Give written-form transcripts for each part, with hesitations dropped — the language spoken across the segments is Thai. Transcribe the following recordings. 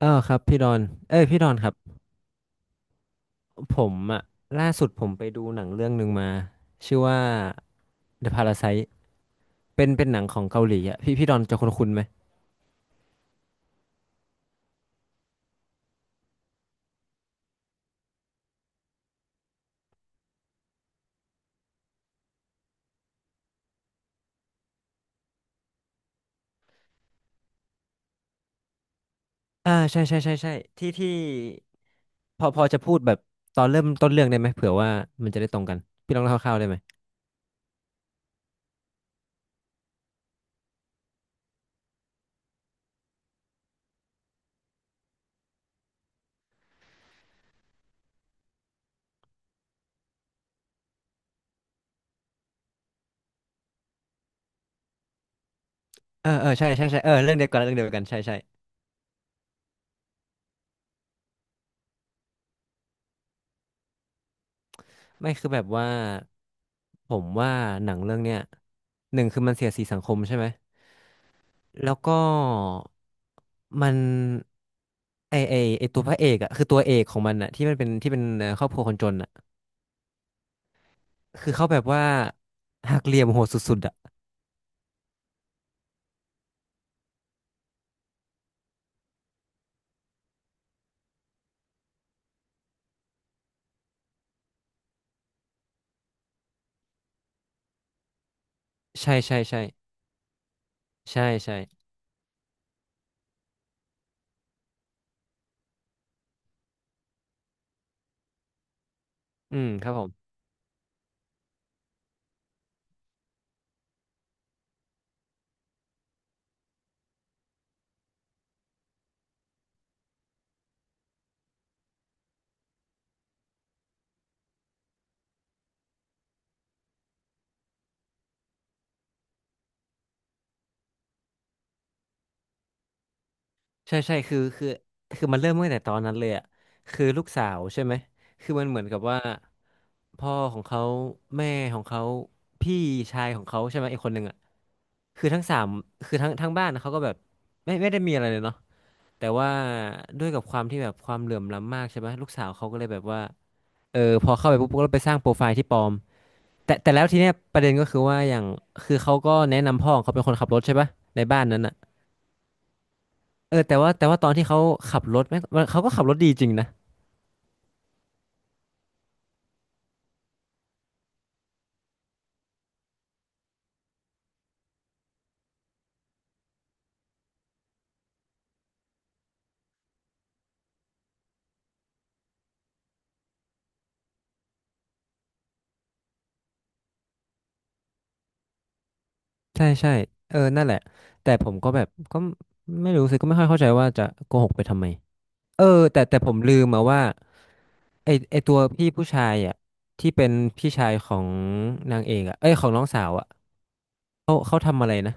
เออครับพี่ดอน เอ้ยพี่ดอนครับผมอะล่าสุดผมไปดูหนังเรื่องหนึ่งมาชื่อว่า The Parasite เป็นหนังของเกาหลีอะพี่ดอนจะคุ้นๆไหมอ่าใช่ใช่ใช่ใช่ที่พอจะพูดแบบตอนเริ่มต้นเรื่องได้ไหมเผื่อว่ามันจะได้ตรงกันพี่ลองเล่าคร่าวๆได้ไหมเออเออใช่ใช่ใช่เออเรื่องเดียวกันเรื่องเดียวกันใช่ใช่ไม่คือแบบว่าผมว่าหนังเรื่องเนี้ยหนึ่งคือมันเสียดสีสังคมใช่ไหม แล้วก็มันไอไอไอตัวพระเอกอะคือตัวเอกของมันอะที่มันเป็นที่เป็นครอบครัวคนจนอะคือเขาแบบว่าหักเหลี่ยมโหดสุดๆอะใช่ใช่ใช่ใช่ใช่อืมครับผมใช่ใช่คือคือมันเริ่มตั้งแต่ตอนนั้นเลยอะคือลูกสาวใช่ไหมคือมันเหมือนกับว่าพ่อของเขาแม่ของเขาพี่ชายของเขาใช่ไหมอีกคนหนึ่งอะคือทั้งสามคือทั้งบ้านเขาก็แบบไม่ได้มีอะไรเลยเนาะ แต่ว่าด้วยกับความที่แบบความเหลื่อมล้ำมากใช่ไหมลูกสาวเขาก็เลยแบบว่าเออพอเข้าไปปุ๊บก็ไปสร้างโปรไฟล์ที่ปลอมแต่แล้วทีเนี้ยประเด็นก็คือว่าอย่างคือเขาก็แนะนำพ่อของเขาเป็นคนขับรถใช่ปะในบ้านนั้นอ่ะเออแต่ว่าตอนที่เขาขับรถแม่งเขาก็ขับรถดีจริงนะใช่ใช่เออนั่นแหละแต่ผมก็แบบก็ไม่รู้สิก็ไม่ค่อยเข้าใจว่าจะโกหกไปทำไมเออแต่ผมลืมมาว่าไอตัวพี่ผู้ชายอ่ะที่เป็นพี่ชายของนางเอกอ่ะเอ้ยของน้องสาวอ่ะเขาทำอะไรนะ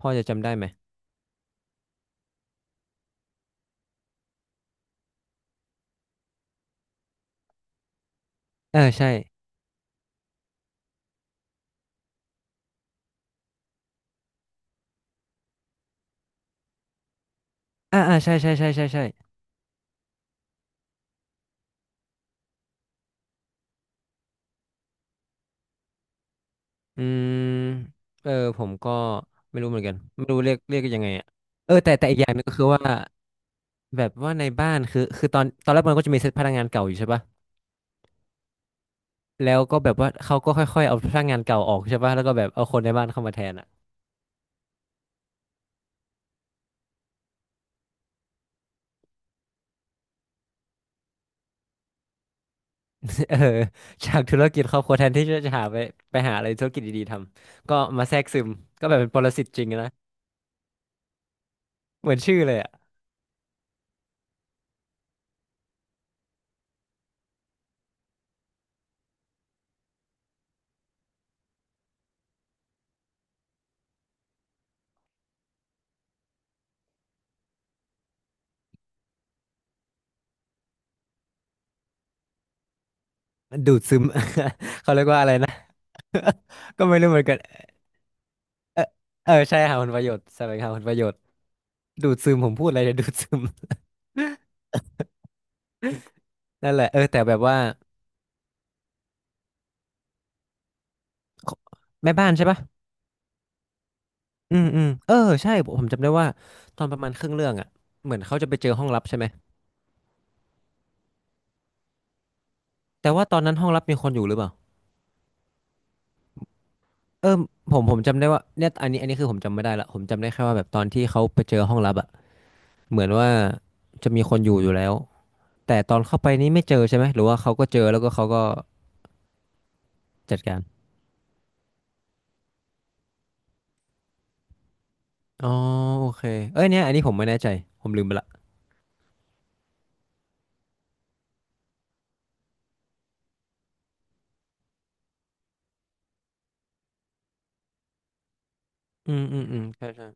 พอจะจำได้ไหมเออใช่อ่าอ่าใช่ใช่ใช่ใช่ใช่อืมเออผมก็ไม่รู้เหมือนกัน ไม่รู้เรียกกันยังไงอ่ะเออแต่อีกอย่างหนึงก็คือว่าแบบว่าในบ้านคือคือตอนแรกมันก็จะมีเซตพนักงานเก่าอยู่ใช่ปะแล้วก็แบบว่าเขาก็ค่อยๆเอาพนักงานเก่าออกใช่ปะแล้วก็แบบเอาคนในบ้านเข้ามาแทนอ่ะ เออจากธุรกิจครอบครัวแทนที่จะหาไปไปหาอะไรธุรกิจดีๆทำก็มาแทรกซึมก็แบบเป็นปรสิตจริงอะนะเหมือนชื่อเลยอ่ะดูดซึม เขาเรียกว่าอะไรนะก็ไม่รู้เหมือนกัน เออเออใช่หาผลประโยชน์แสวงหาผลประโยชน์ดูดซึมผมพูดอะไรเนี่ย ดูดซึม นั่นแหละเออแต่แบบว่าแม่บ้านใช่ปะอืมเออใช่ผมจำได้ว่าตอนประมาณครึ่งเรื่องอ่ะเหมือนเขาจะไปเจอห้องลับใช่ไหมแต่ว่าตอนนั้นห้องลับมีคนอยู่หรือเปล่าเออผมจำได้ว่าเนี่ยอันนี้คือผมจำไม่ได้ละผมจำได้แค่ว่าแบบตอนที่เขาไปเจอห้องลับอ่ะเหมือนว่าจะมีคนอยู่แล้วแต่ตอนเข้าไปนี่ไม่เจอใช่ไหมหรือว่าเขาก็เจอแล้วก็เขาก็จัดการอ๋อโอเคเอ้ยเนี่ยอันนี้ผมไม่แน่ใจผมลืมไปละอืมใช่ใช่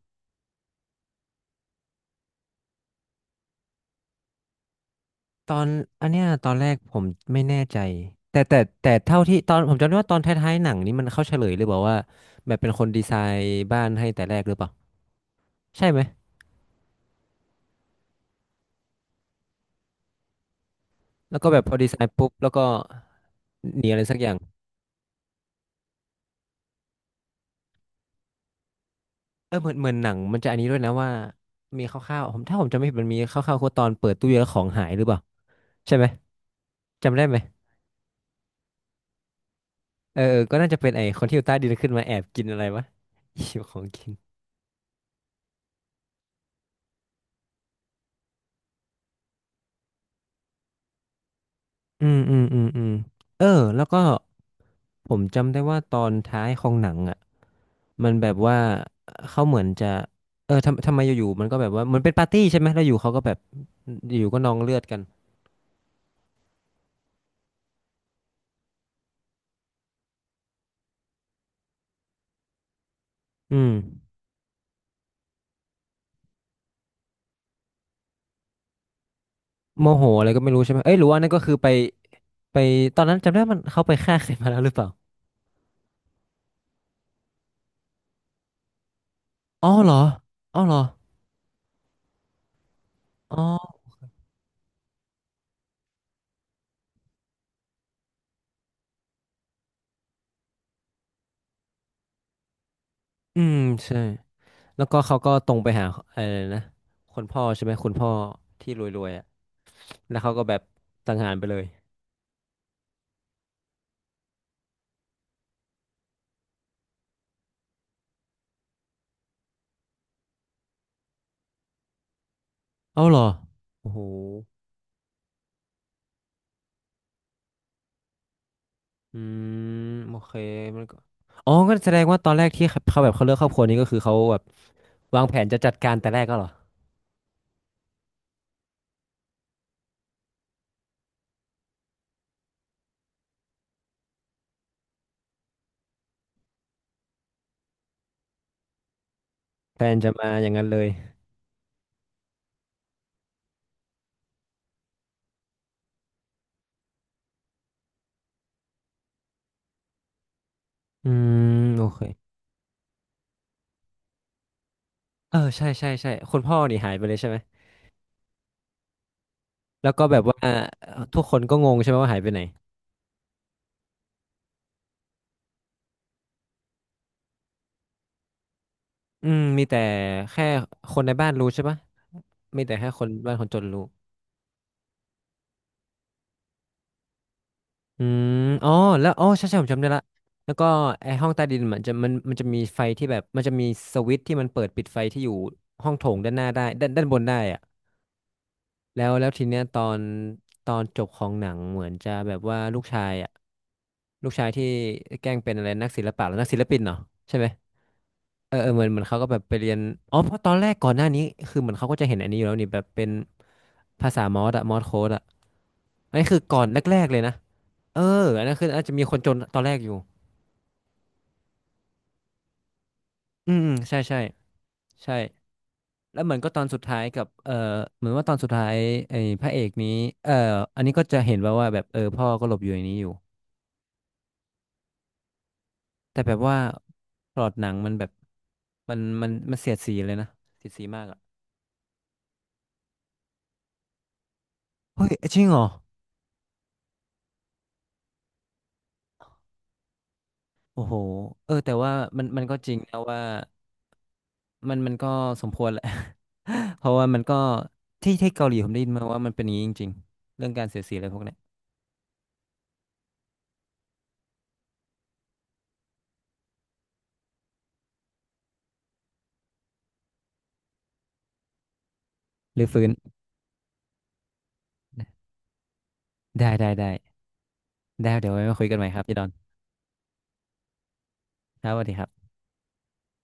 ตอนอันเนี้ยตอนแรกผมไม่แน่ใจแต่แต่แต่เท่าที่ตอนผมจำได้ว่าตอนท้ายๆหนังนี้มันเข้าเฉลยหรือเปลยบอกว่าแบบเป็นคนดีไซน์บ้านให้แต่แรกหรือเปล่าใช่ไหมแล้วก็แบบพอดีไซน์ปุ๊บแล้วก็หนีอะไรสักอย่างเออเหมือนเหมือนหนังมันจะอันนี้ด้วยนะว่ามีคร่าวๆผมถ้าผมจำไม่ผิดมันมีคร่าวๆคือตอนเปิดตู้เย็นแล้วของหายหรือเปล่าใช่ไหมจำได้ไหมเออเออก็น่าจะเป็นไอ้คนที่อยู่ใต้ดินขึ้นมาแอบกินอะไรวะ หิวของกินอืมเออแล้วก็ผมจำได้ว่าตอนท้ายของหนังอ่ะ มันแบบว่าเขาเหมือนจะเออทำไมอยู่ๆมันก็แบบว่าเหมือนเป็นปาร์ตี้ใช่ไหมแล้วอยู่เขาก็แบบอยู่ก็นองเลือดกันอืมโมโหอะไรก็ไม่รู้ใช่ไหมเอ้ยหรือว่านั่นก็คือไปตอนนั้นจำได้มันเขาไปฆ่าใครมาแล้วหรือเปล่าอ๋อเหรออ๋อเหรออืมใช่แล้วก็เขาก็ตรงไปหาอะไรนะคนพ่อใช่ไหมคุณพ่อที่รวยๆอ่ะแล้วเขาก็แบบสังหารไปเลยเอาเหรอโอ้โห อืมโอเคมันก็อ๋อก็แสดงว่าตอนแรกที่เขาแบบเขาเลือกครอบครัวนี้ก็คือเขาแบบวางแผนจะจัดการแต่แรกก็เหรอแพลนจะมาอย่างนั้นเลยอืมโอเคเออใช่ใช่ใช่คุณพ่อนี่หายไปเลยใช่ไหมแล้วก็แบบว่าทุกคนก็งงใช่ไหมว่าหายไปไหนอืมมีแต่แค่คนในบ้านรู้ใช่ปะมีแต่แค่คนบ้านคนจนรู้ อืมอ๋อแล้วอ๋อใช่ใช่ผมจำได้ละแล้วก็ไอห้องใต้ดินมันจะมีไฟที่แบบมันจะมีสวิตช์ที่มันเปิดปิดไฟที่อยู่ห้องโถงด้านหน้าได้ด้านบนได้อะแล้วทีเนี้ยตอนจบของหนังเหมือนจะแบบว่าลูกชายอะลูกชายที่แกล้งเป็นอะไรนักศิลปะหรือนักศิลปินเนาะใช่ไหมเออเออเหมือนเหมือนเขาก็แบบไปเรียนอ๋อเพราะตอนแรกก่อนหน้านี้คือเหมือนเขาก็จะเห็นอันนี้อยู่แล้วนี่แบบเป็นภาษามอสอะมอสโค้ดอะอันนี้คือก่อนแรกๆเลยนะเอออันนั้นคืออาจจะมีคนจนตอนแรกอยู่ อืมอืมใช่ใช่ใช่แล้วเหมือนก็ตอนสุดท้ายกับเออเหมือนว่าตอนสุดท้ายไอ้พระเอกนี้เอออันนี้ก็จะเห็นว่าแบบเออพ่อก็หลบอยู่ในนี้อยู่แต่แบบว่าพล็อตหนังมันแบบมันเสียดสีเลยนะเสียดสีมากอ่ะเฮ้ยจริงเหรอโอ้โหเออแต่ว่ามันก็จริงนะว่ามันก็สมควรแหละ เพราะว่ามันก็ที่ที่เกาหลีผมได้ยินมาว่ามันเป็นอย่างนี้จริงๆเรื่องการเสียดสีอะไรพวกเนี้ยหรือฟื้นได้ได้ได้ได้เดี๋ยวไว้มาคุยกันใหม่ครับพี่ดอนครับสวัสดีครับ